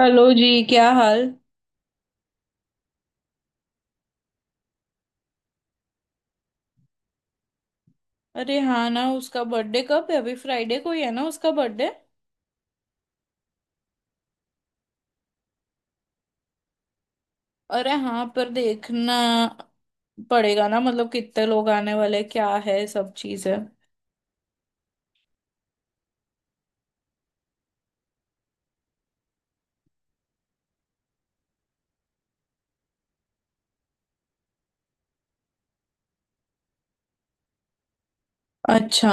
Hello जी क्या हाल। अरे हाँ ना उसका बर्थडे कब है अभी फ्राइडे को ही है ना उसका बर्थडे। अरे हाँ पर देखना पड़ेगा ना, मतलब कितने लोग आने वाले क्या है सब चीजें। अच्छा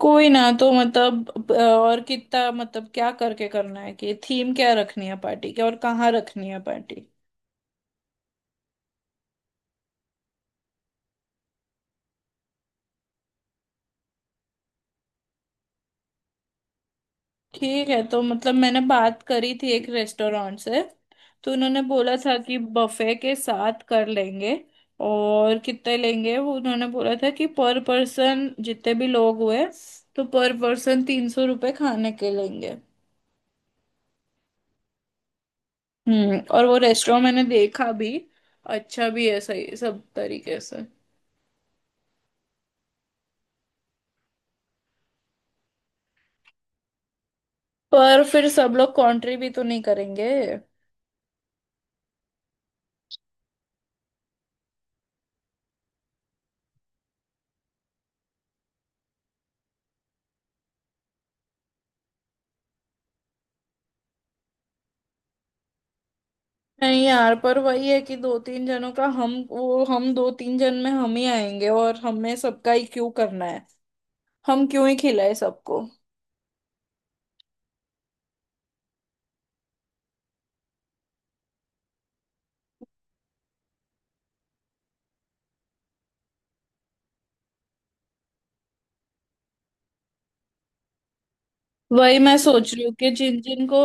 कोई ना तो मतलब और कितना मतलब क्या करके करना है कि थीम क्या रखनी है पार्टी की और कहाँ रखनी है पार्टी। ठीक है तो मतलब मैंने बात करी थी एक रेस्टोरेंट से तो उन्होंने बोला था कि बफे के साथ कर लेंगे। और कितने लेंगे वो उन्होंने बोला था कि पर पर्सन जितने भी लोग हुए तो पर पर्सन 300 रुपये खाने के लेंगे। हम्म। और वो रेस्टोरेंट मैंने देखा भी, अच्छा भी है सही सब तरीके से। पर फिर सब लोग कंट्री भी तो नहीं करेंगे। नहीं यार, पर वही है कि दो तीन जनों का हम वो हम दो तीन जन में हम ही आएंगे और हमें सबका ही क्यों करना है। हम क्यों ही खिलाए सबको। वही मैं सोच रही हूँ कि जिन जिन को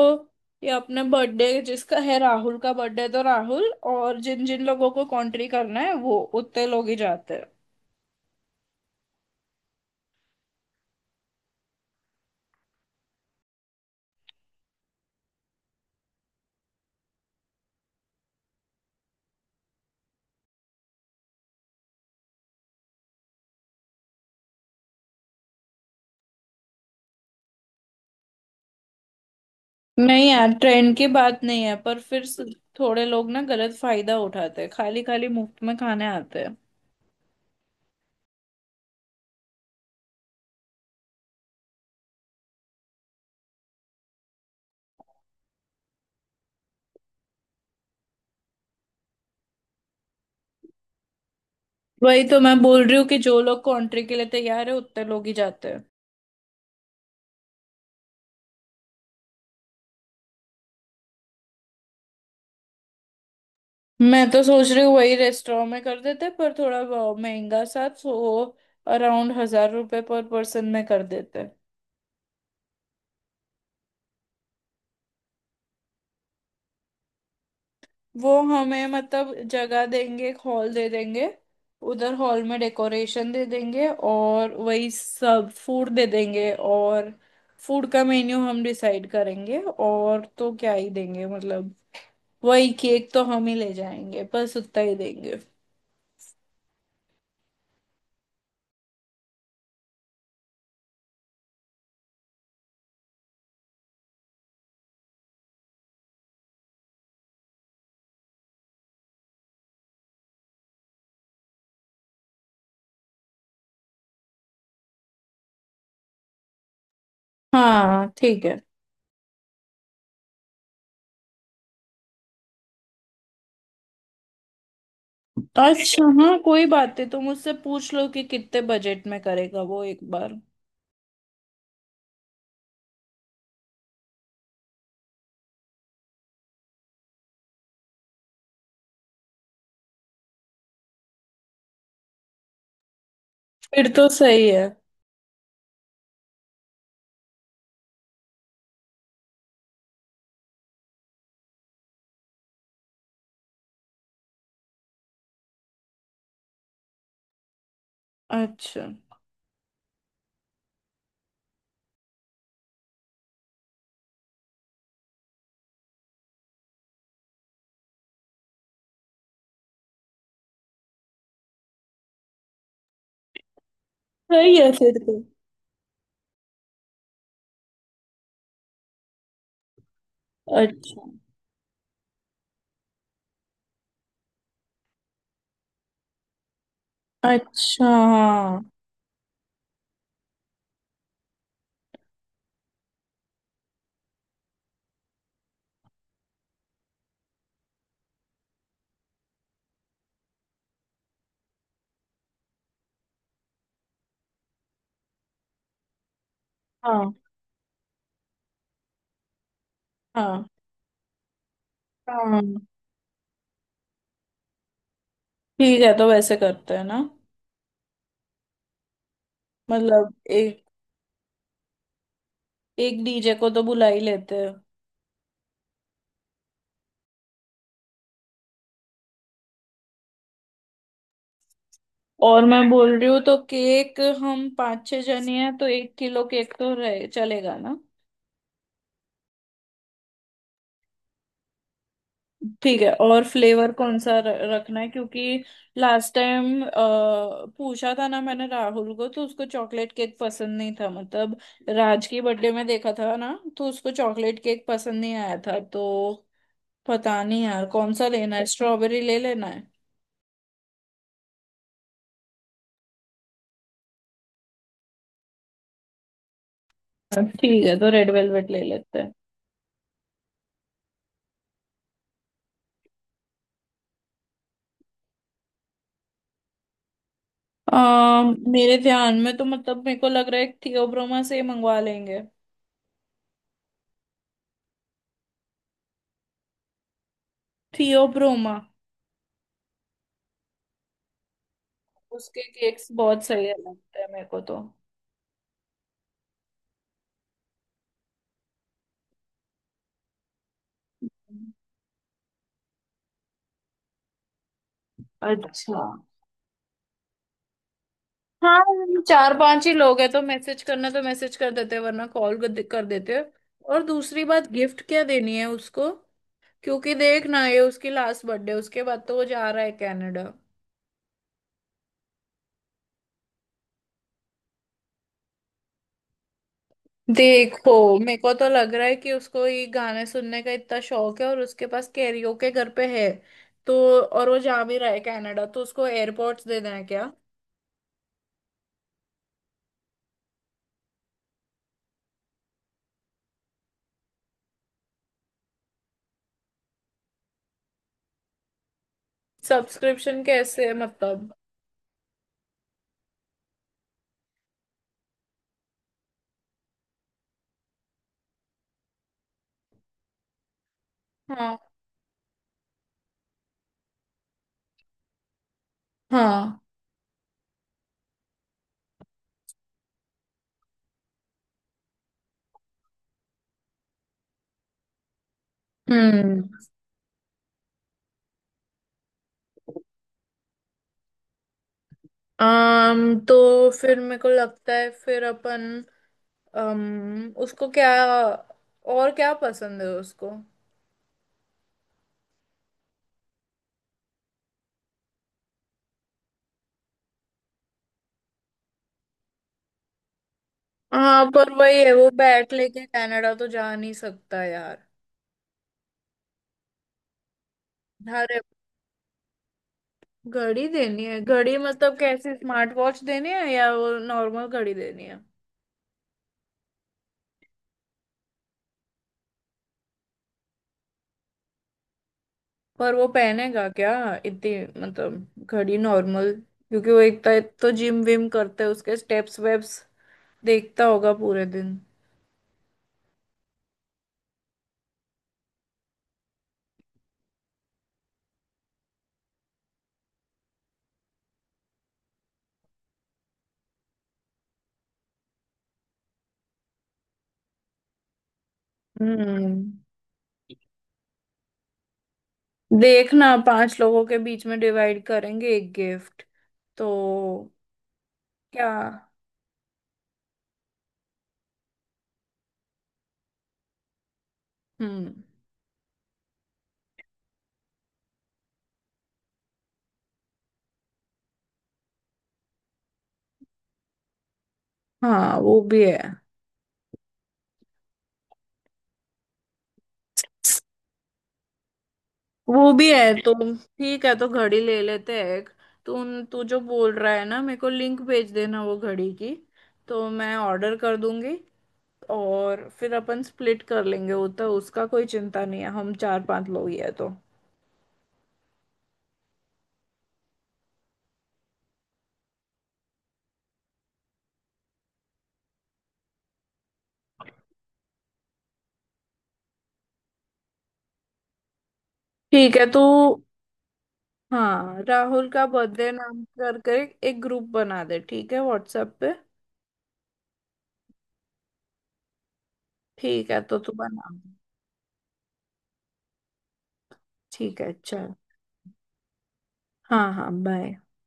ये अपने बर्थडे जिसका है राहुल का बर्थडे तो राहुल और जिन जिन लोगों को कॉन्ट्री करना है वो उतने लोग ही जाते हैं। नहीं यार, ट्रेंड की बात नहीं है, पर फिर थोड़े लोग ना गलत फायदा उठाते हैं, खाली खाली मुफ्त में खाने आते हैं। वही तो मैं बोल रही हूँ कि जो लोग कॉन्ट्री के लिए तैयार है उतने लोग ही जाते हैं। मैं तो सोच रही हूँ वही रेस्टोरेंट में कर देते पर थोड़ा बहुत महंगा सा, सो अराउंड 1000 रुपए पर पर्सन में कर देते। वो हमें मतलब जगह देंगे, एक हॉल दे देंगे। उधर हॉल में डेकोरेशन दे देंगे और वही सब फूड दे देंगे। और फूड का मेन्यू हम डिसाइड करेंगे, और तो क्या ही देंगे मतलब। वही केक तो हम ही ले जाएंगे, बस उतना ही देंगे। हाँ ठीक है। अच्छा हाँ, कोई बात नहीं, तो मुझसे पूछ लो कि कितने बजट में करेगा वो एक बार। फिर तो सही है। अच्छा। सही है फिर तो। अच्छा। अच्छा। हाँ। हाँ हाँ। हाँ। ठीक है तो वैसे करते हैं ना। मतलब एक एक डीजे को तो बुला ही लेते हैं। और मैं बोल रही हूँ तो केक हम पाँच छह जने हैं तो एक किलो केक तो रहे चलेगा ना। ठीक है, और फ्लेवर कौन सा रखना है, क्योंकि लास्ट टाइम पूछा था ना मैंने राहुल को तो उसको चॉकलेट केक पसंद नहीं था मतलब राज की बर्थडे में देखा था ना तो उसको चॉकलेट केक पसंद नहीं आया था तो पता नहीं यार कौन सा लेना है, स्ट्रॉबेरी ले लेना है। ठीक है तो रेड वेलवेट ले लेते हैं। मेरे ध्यान में तो मतलब मेरे को लग रहा है थियोब्रोमा से ही मंगवा लेंगे। थियोब्रोमा। उसके केक्स बहुत सही लगते हैं मेरे को तो। अच्छा हाँ, हम चार पांच ही लोग हैं तो मैसेज करना, तो मैसेज कर देते हैं वरना कॉल कर देते हैं। और दूसरी बात, गिफ्ट क्या देनी है उसको, क्योंकि देख ना ये उसकी लास्ट बर्थडे, उसके बाद तो वो जा रहा है कनाडा। देखो, मेरे को तो लग रहा है कि उसको ये गाने सुनने का इतना शौक है और उसके पास कैरियोके घर पे है तो। और वो जा भी रहा है कनाडा, तो उसको एयरपोर्ट्स दे देना है क्या। सब्सक्रिप्शन कैसे मतलब। हाँ हाँ। हम्म। तो फिर मेरे को लगता है फिर अपन उसको क्या, और क्या पसंद है उसको। हाँ पर वही है वो बैट लेके कनाडा तो जा नहीं सकता यार। अरे, घड़ी देनी है घड़ी, मतलब कैसी स्मार्ट वॉच देनी है या वो नॉर्मल घड़ी देनी है। पर वो पहनेगा क्या इतनी, मतलब घड़ी नॉर्मल, क्योंकि वो एक तो जिम विम करता है, उसके स्टेप्स वेप्स देखता होगा पूरे दिन। हम्म। देखना, पांच लोगों के बीच में डिवाइड करेंगे एक गिफ्ट तो। क्या। हम्म। हाँ वो भी है। वो भी है तो। ठीक है तो घड़ी ले लेते हैं एक। तू तू जो बोल रहा है ना मेरे को लिंक भेज देना वो घड़ी की, तो मैं ऑर्डर कर दूंगी और फिर अपन स्प्लिट कर लेंगे, वो तो उसका कोई चिंता नहीं है, हम चार पांच लोग ही है तो। ठीक है तो हाँ, राहुल का बर्थडे नाम करके एक ग्रुप बना दे, ठीक है, व्हाट्सएप पे। ठीक है तो तू बना। ठीक है चल। हाँ हाँ बाय।